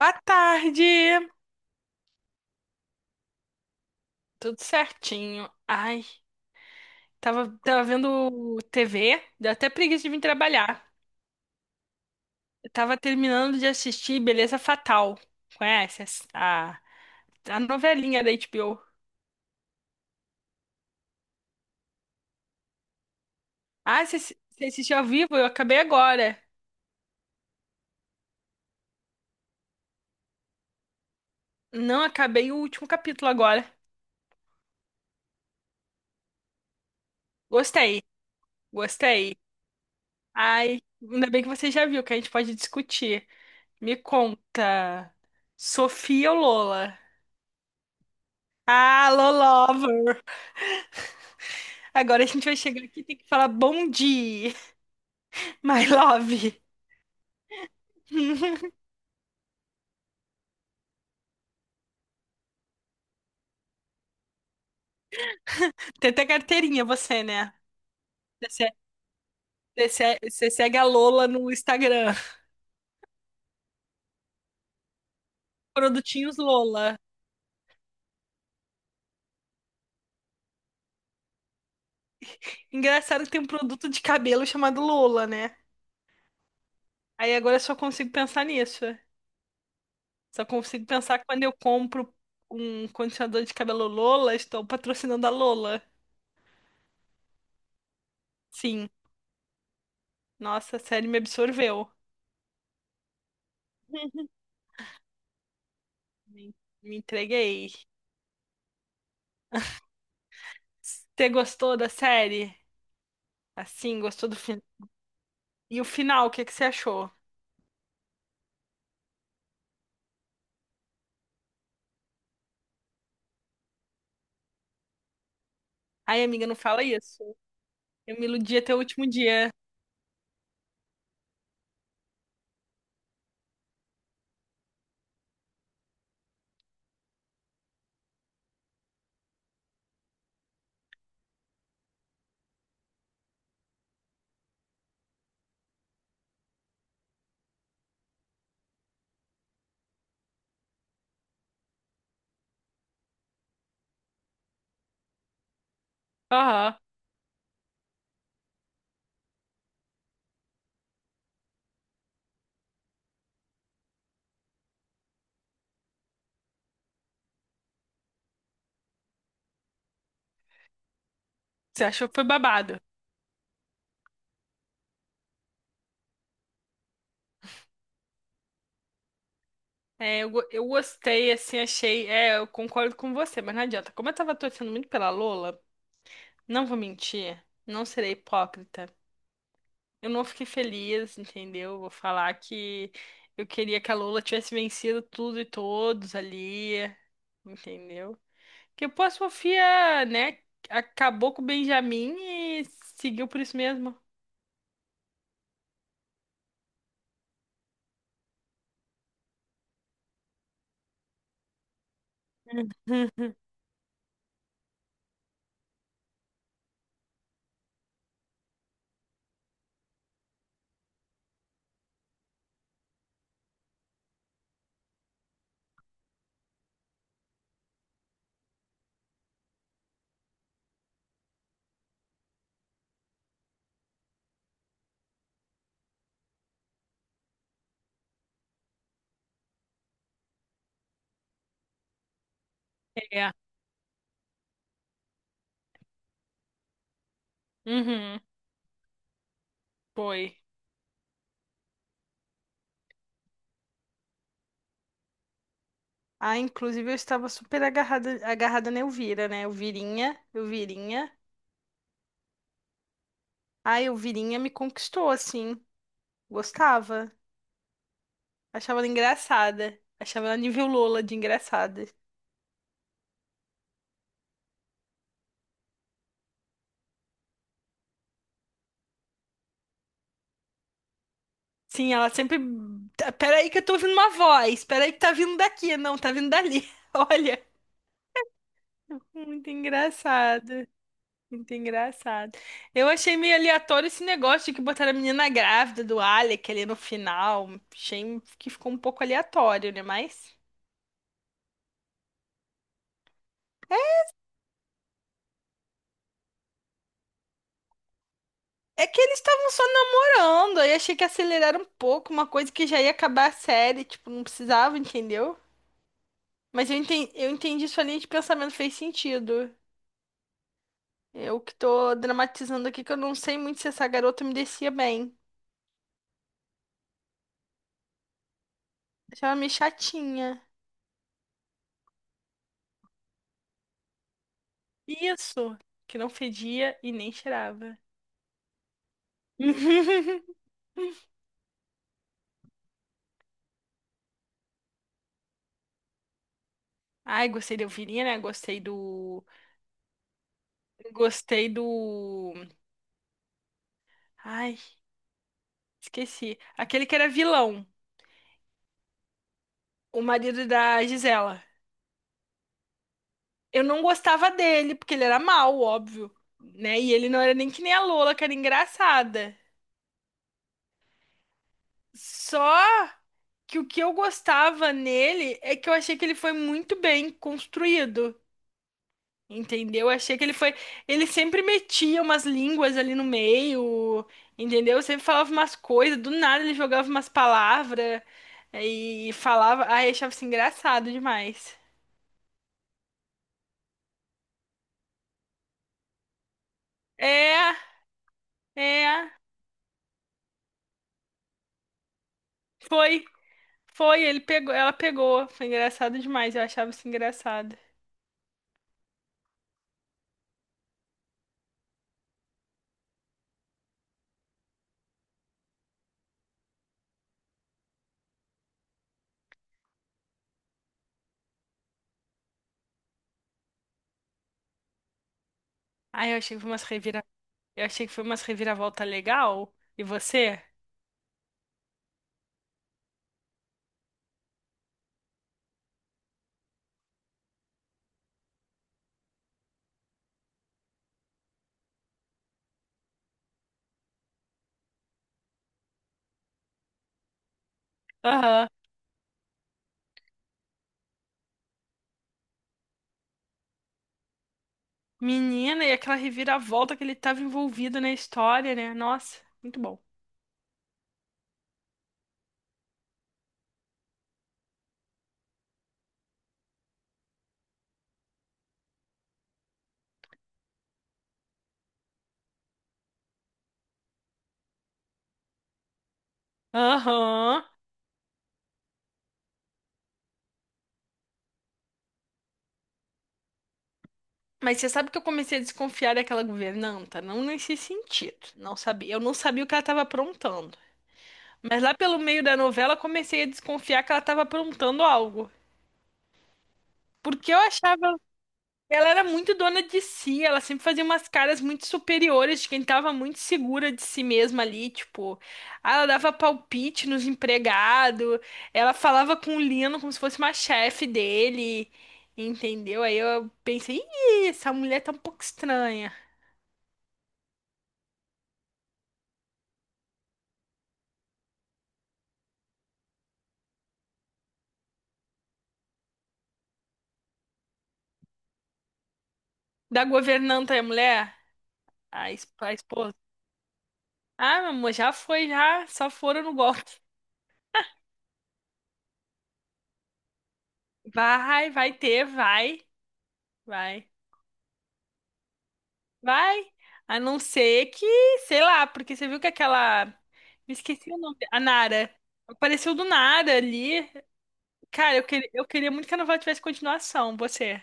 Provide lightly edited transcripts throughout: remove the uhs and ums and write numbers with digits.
Boa tarde, tudo certinho. Ai, tava vendo TV, deu até preguiça de vir trabalhar. Eu tava terminando de assistir Beleza Fatal. Conhece a novelinha da HBO? Ah, você assistiu ao vivo? Eu acabei agora. Não, acabei o último capítulo agora. Gostei, gostei. Ai, ainda bem que você já viu, que a gente pode discutir. Me conta, Sofia ou Lola? Ah, Lolova! Agora a gente vai chegar aqui e tem que falar bom dia, my love. Tem até carteirinha você, né? Você, você segue a Lola no Instagram. Produtinhos Lola. Engraçado que tem um produto de cabelo chamado Lola, né? Aí agora eu só consigo pensar nisso. Só consigo pensar quando eu compro um condicionador de cabelo Lola, estou patrocinando a Lola. Sim. Nossa, a série me absorveu. Me, me entreguei. Você gostou da série? Assim, gostou do final? E o final, o que que você achou? Ai, amiga, não fala isso. Eu me iludi até o último dia. Aham. Você achou que foi babado? É, eu gostei, assim, achei. É, eu concordo com você, mas não adianta. Como eu tava torcendo muito pela Lola, não vou mentir, não serei hipócrita. Eu não fiquei feliz, entendeu? Vou falar que eu queria que a Lola tivesse vencido tudo e todos ali, entendeu? Que pô, a Sofia, né, acabou com o Benjamin e seguiu por isso mesmo. Uhum, foi. Ah, inclusive eu estava super agarrada na Elvira, né? Elvirinha, Elvirinha. A Elvirinha me conquistou, assim. Gostava. Achava ela engraçada. Achava ela nível Lola de engraçada. Sim, ela sempre. "Tá, peraí que eu tô ouvindo uma voz. Peraí que tá vindo daqui. Não, tá vindo dali." Olha, muito engraçado. Muito engraçado. Eu achei meio aleatório esse negócio de que botaram a menina grávida do Alec ali no final. Achei que ficou um pouco aleatório, né? Mas é que eles estavam só namorando. Aí achei que aceleraram um pouco, uma coisa que já ia acabar a série. Tipo, não precisava, entendeu? Mas eu entendi sua linha de pensamento, fez sentido. Eu que tô dramatizando aqui, que eu não sei muito se essa garota me descia bem. Achava meio chatinha. Isso, que não fedia e nem cheirava. Ai, gostei da Elvirinha, né? Gostei do. Gostei do. Ai, esqueci. Aquele que era vilão, o marido da Gisela. Eu não gostava dele, porque ele era mau, óbvio, né? E ele não era nem que nem a Lola, que era engraçada. Só que o que eu gostava nele é que eu achei que ele foi muito bem construído. Entendeu? Achei que ele foi. Ele sempre metia umas línguas ali no meio, entendeu? Sempre falava umas coisas, do nada ele jogava umas palavras e falava. Ai, achava isso engraçado demais. É, é. Foi, foi, ele pegou, ela pegou. Foi engraçado demais, eu achava isso engraçado. Ai, eu achei que foi umas reviravolta legal. E você? Aham. Menina, e aquela reviravolta que ele tava envolvido na história, né? Nossa, muito bom. Aham. Mas você sabe que eu comecei a desconfiar daquela governanta? Não nesse sentido. Não sabia. Eu não sabia o que ela estava aprontando. Mas lá pelo meio da novela, comecei a desconfiar que ela estava aprontando algo. Porque eu achava ela era muito dona de si, ela sempre fazia umas caras muito superiores de quem tava muito segura de si mesma ali, tipo, ah, ela dava palpite nos empregados, ela falava com o Lino como se fosse uma chefe dele, entendeu? Aí eu pensei, "Ih, essa mulher tá um pouco estranha." Da governanta é a mulher? A esposa. Ah, meu amor, já foi, já, só foram no golpe. Vai, vai ter, vai, vai. Vai, a não ser que, sei lá, porque você viu que aquela. Me esqueci o nome. A Nara. Apareceu do nada ali. Cara, queria, eu queria muito que a novela tivesse continuação, você.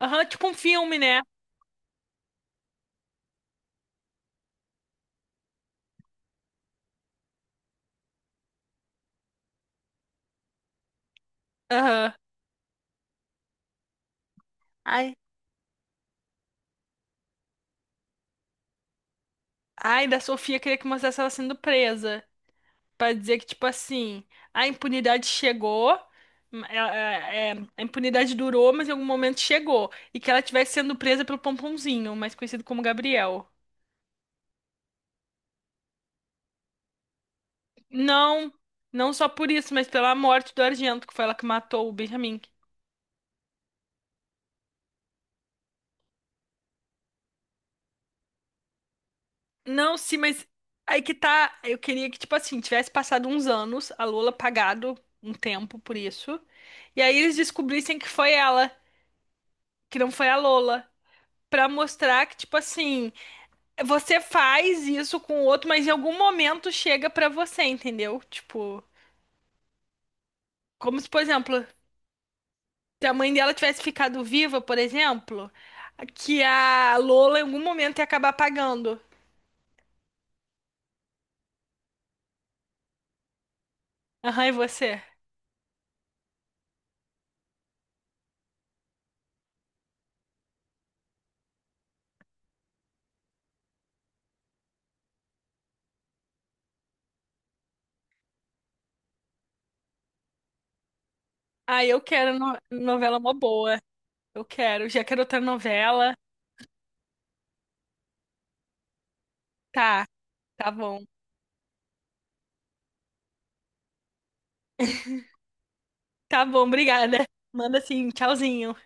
Aham, tipo um filme, né? Aham. Ai, ai, da Sofia queria que mostrasse ela sendo presa. Pra dizer que, tipo assim, a impunidade chegou. A impunidade durou, mas em algum momento chegou. E que ela estivesse sendo presa pelo Pomponzinho, mais conhecido como Gabriel. Não, não só por isso, mas pela morte do Argento, que foi ela que matou o Benjamin. Não, sim, mas aí que tá. Eu queria que, tipo assim, tivesse passado uns anos, a Lola pagado um tempo por isso. E aí eles descobrissem que foi ela, que não foi a Lola. Pra mostrar que, tipo assim, você faz isso com o outro, mas em algum momento chega pra você, entendeu? Tipo, como se, por exemplo, se a mãe dela tivesse ficado viva, por exemplo, que a Lola em algum momento ia acabar pagando. Aham, e você? Ah, eu quero novela mó boa. Eu quero. Já quero outra novela. Tá, tá bom. Tá bom, obrigada. Manda assim, tchauzinho.